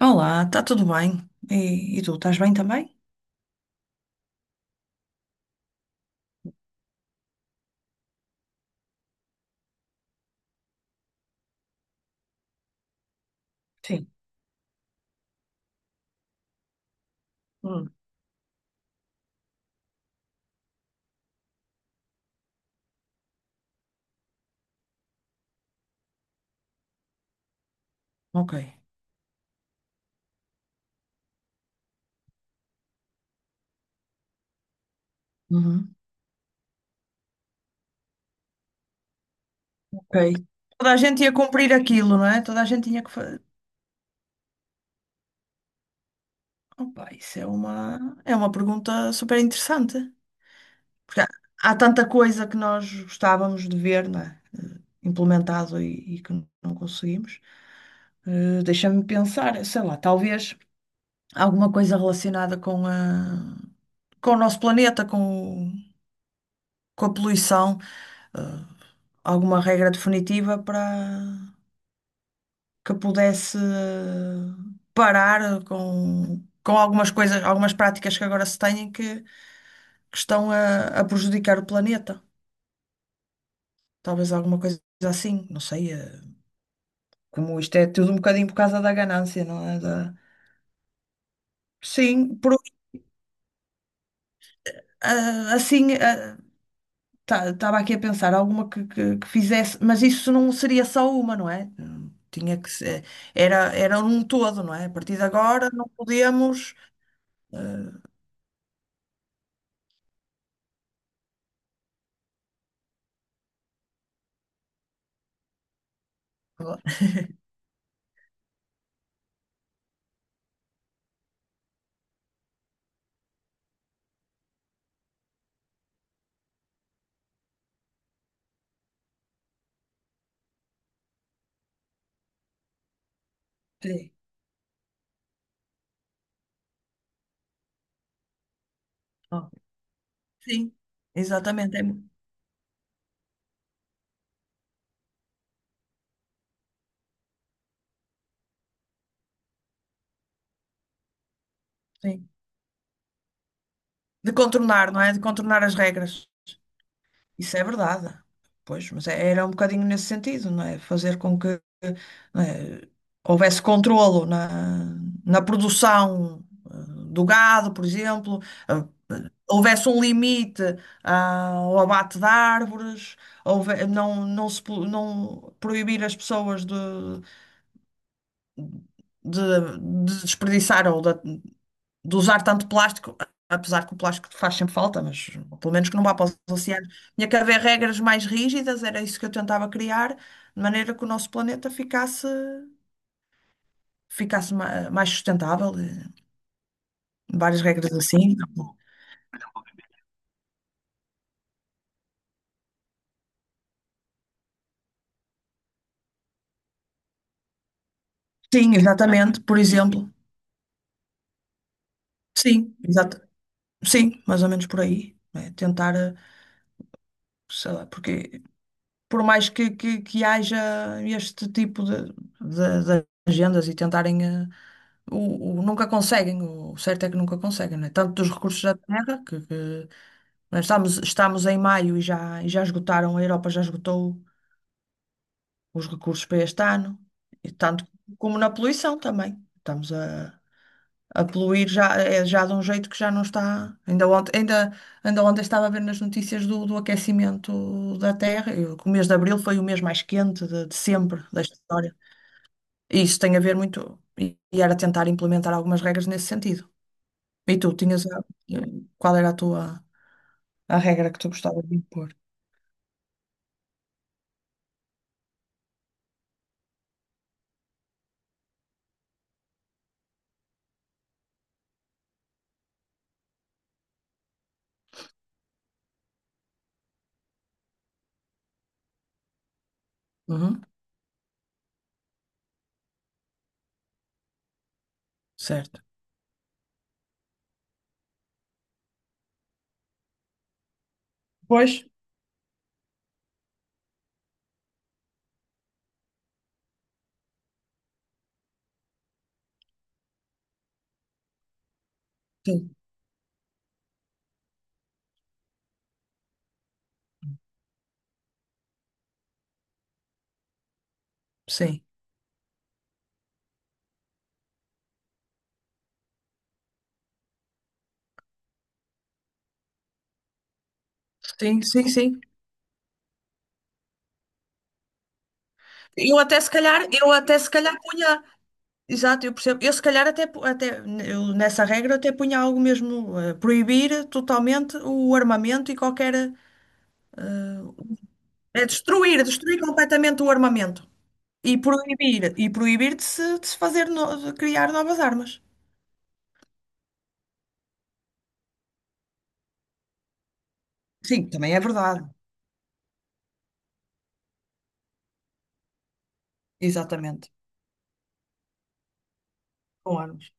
Olá, está tudo bem? E tu, estás bem também? Sim. Hum. Ok. Uhum. Ok. Toda a gente ia cumprir aquilo, não é? Toda a gente tinha que fazer. Opa, isso é uma pergunta super interessante. Porque há tanta coisa que nós gostávamos de ver, não é? Implementado e que não conseguimos. Deixa-me pensar, sei lá, talvez alguma coisa relacionada com o nosso planeta, com a poluição, alguma regra definitiva para que pudesse parar com algumas coisas, algumas práticas que agora se têm que estão a prejudicar o planeta. Talvez alguma coisa assim, não sei. Como isto é tudo um bocadinho por causa da ganância, não é? Da. Sim, por- assim, estava aqui a pensar alguma que fizesse, mas isso não seria só uma, não é? Tinha que ser, era um todo, não é? A partir de agora não podemos. Sim, sim, exatamente. Sim. De contornar, não é? De contornar as regras. Isso é verdade. Pois, mas era um bocadinho nesse sentido, não é? Fazer com que, não é, houvesse controlo na produção eh, do gado, por exemplo, eh, houvesse um limite ao abate de árvores, não, não se po- não proibir as pessoas de, de, de, desperdiçar ou de usar tanto plástico, apesar que o plástico faz sempre falta, mas pelo menos que não vá para os oceanos. Tinha que haver regras mais rígidas, era isso que eu tentava criar, de maneira que o nosso planeta ficasse, mais sustentável, várias regras assim. Sim, exatamente, por exemplo. Sim, exato. Sim, mais ou menos por aí, né? Tentar, sei lá, porque por mais que, que haja este tipo de, de agendas e tentarem, nunca conseguem, o certo é que nunca conseguem, não é? Tanto dos recursos da terra, que, nós estamos em maio e já esgotaram, a Europa já esgotou os recursos para este ano, e tanto como na poluição também. Estamos a poluir já, é já de um jeito que já não está. Ainda ontem estava a ver nas notícias do aquecimento da Terra, e o mês de Abril foi o mês mais quente de sempre da história. E isso tem a ver muito, e era tentar implementar algumas regras nesse sentido. E tu, eh, qual era a regra que tu gostavas de impor? Uhum, certo. Pois. Sim, sim. Sim, sim, sim. Eu até se calhar punha. Exato, eu percebo. Eu se calhar até, até eu, nessa regra eu até punha algo mesmo, proibir totalmente o armamento e qualquer, eh, é destruir completamente o armamento e proibir de se fazer, de criar novas armas. Sim, também é verdade. Exatamente. Com armas.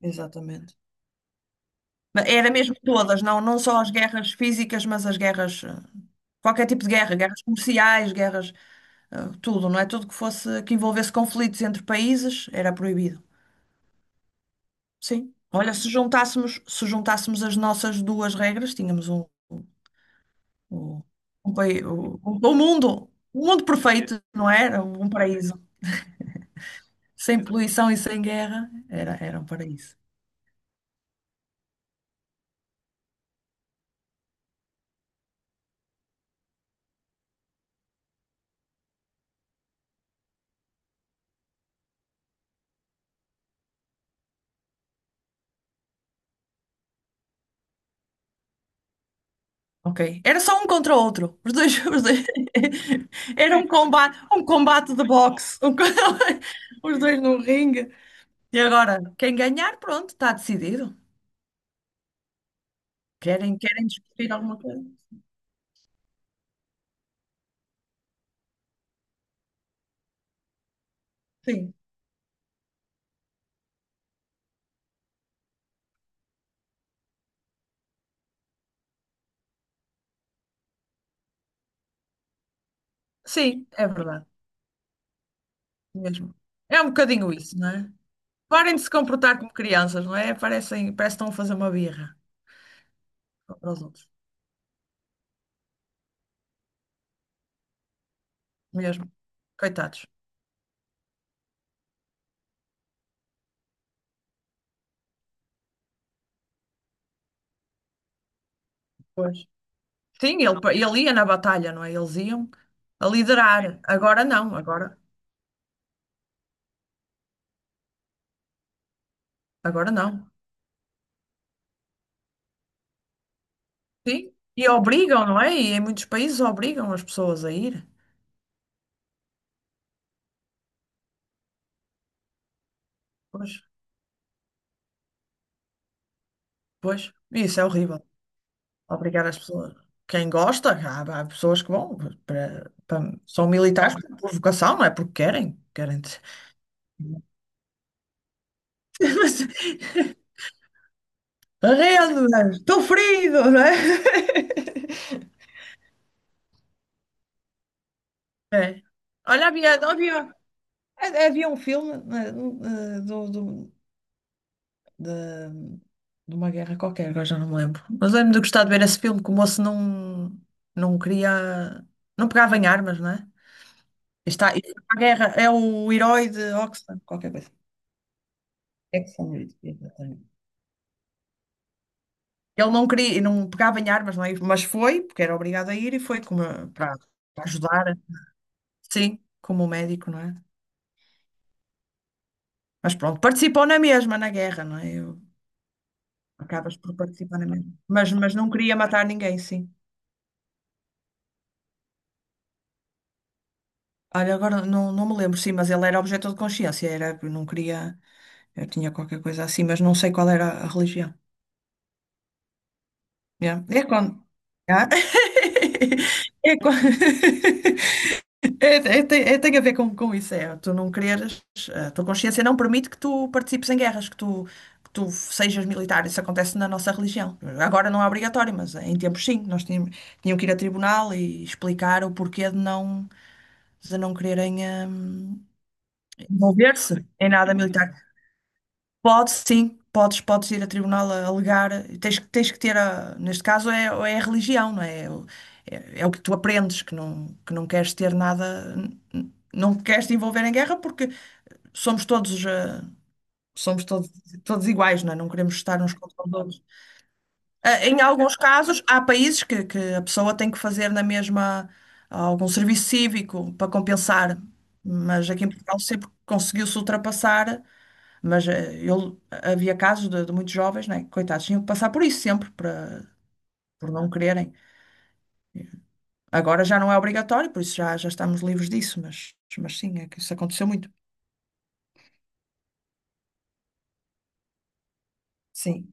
Exatamente. Era mesmo todas, não só as guerras físicas, mas as guerras, qualquer tipo de guerra, guerras comerciais, guerras, tudo, não é? Tudo que fosse, que envolvesse conflitos entre países era proibido. Sim. Olha, se juntássemos as nossas duas regras, tínhamos um, um, um mundo perfeito, não é? Era? Um paraíso. Sem poluição e sem guerra, era um paraíso. Ok. Era só um contra o outro. Os dois- Era um combate de boxe. Um co- Os dois num ringue. E agora, quem ganhar, pronto, está decidido. Querem discutir alguma coisa? Sim. Sim, é verdade. Mesmo. É um bocadinho isso, não é? Parem de se comportar como crianças, não é? Parece que estão a fazer uma birra para os outros. Mesmo. Coitados. Pois. Sim, ele ia na batalha, não é? Eles iam a liderar. Agora não, agora não. Sim. E obrigam, não é? E em muitos países obrigam as pessoas a ir. Pois, pois. Isso é horrível. Obrigar as pessoas. Quem gosta, há, pessoas que vão, são militares por vocação, não é? Porque querem. Querem. Mas, arrendo, não é? Estou ferido, não é? É. Olha, havia, havia um filme eh, eh, do, do- de, de uma guerra qualquer, agora já não me lembro. Mas lembro de gostar de ver esse filme, que o moço não, não queria, não pegava em armas, não é? E a guerra é o herói de Oxford, qualquer coisa. Exxon, exatamente. Ele não queria, não pegava em armas, não é? Mas foi, porque era obrigado a ir, e foi como, para, para ajudar, sim, como médico, não é? Mas pronto, participou na mesma, na guerra, não é? Eu, acabas por participar na mesma. Mas não queria matar ninguém, sim. Olha, agora não, não me lembro, sim, mas ele era objeto de consciência, era, eu não queria, eu tinha qualquer coisa assim, mas não sei qual era a religião. Yeah. É quando. Ah. É quando. É, tem a ver com, isso, tu não quereres, a tua consciência não permite que tu participes em guerras, que tu sejas militar, isso acontece na nossa religião. Agora não é obrigatório, mas em tempos sim, nós tínhamos, tinham que ir a tribunal e explicar o porquê de não quererem hum, envolver-se em nada militar. Pode, sim, podes, ir a tribunal a alegar, tens, tens que ter, neste caso, é, a religião, não é? É o que tu aprendes, que não queres ter nada, não queres te envolver em guerra porque somos todos, eh, somos todos, todos iguais, não é? Não queremos estar uns contra os outros. Em alguns casos, há países que, a pessoa tem que fazer na mesma algum serviço cívico para compensar, mas aqui em Portugal sempre conseguiu-se ultrapassar. Mas ele, havia casos de, muitos jovens, né? Coitados, tinham que passar por isso sempre, por não quererem. Agora já não é obrigatório, por isso já, estamos livres disso, mas sim, é que isso aconteceu muito. Sim,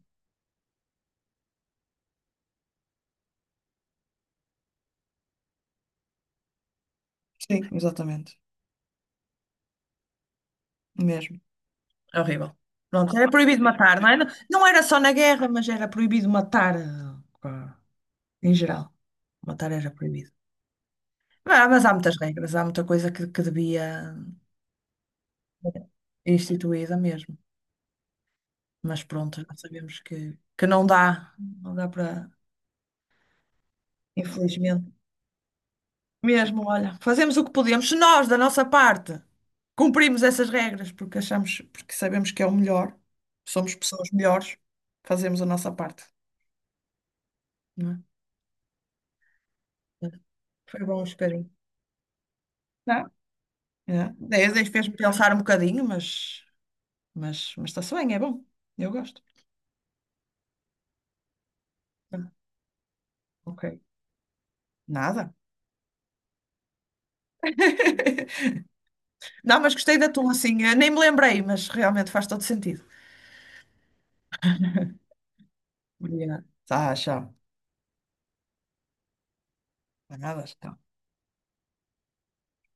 sim, exatamente. Mesmo. É horrível. Pronto, era proibido matar, não é? Não era só na guerra, mas era proibido matar em geral. Matar era proibido. Mas há muitas regras, há muita coisa que, devia instituída mesmo. Mas pronto, já sabemos que não dá, para. Infelizmente. Mesmo, olha, fazemos o que podemos. Se nós, da nossa parte, cumprimos essas regras porque achamos, porque sabemos que é o melhor, somos pessoas melhores, fazemos a nossa parte, não é? Foi bom, espero. Não? É. Daí fez-me pensar um bocadinho, mas, mas está-se bem, é bom. Eu gosto. Ah, Ok. Nada. Não, mas gostei da tua, assim, nem me lembrei, mas realmente faz todo sentido. Obrigada. Tá, tchau. Nada, tchau.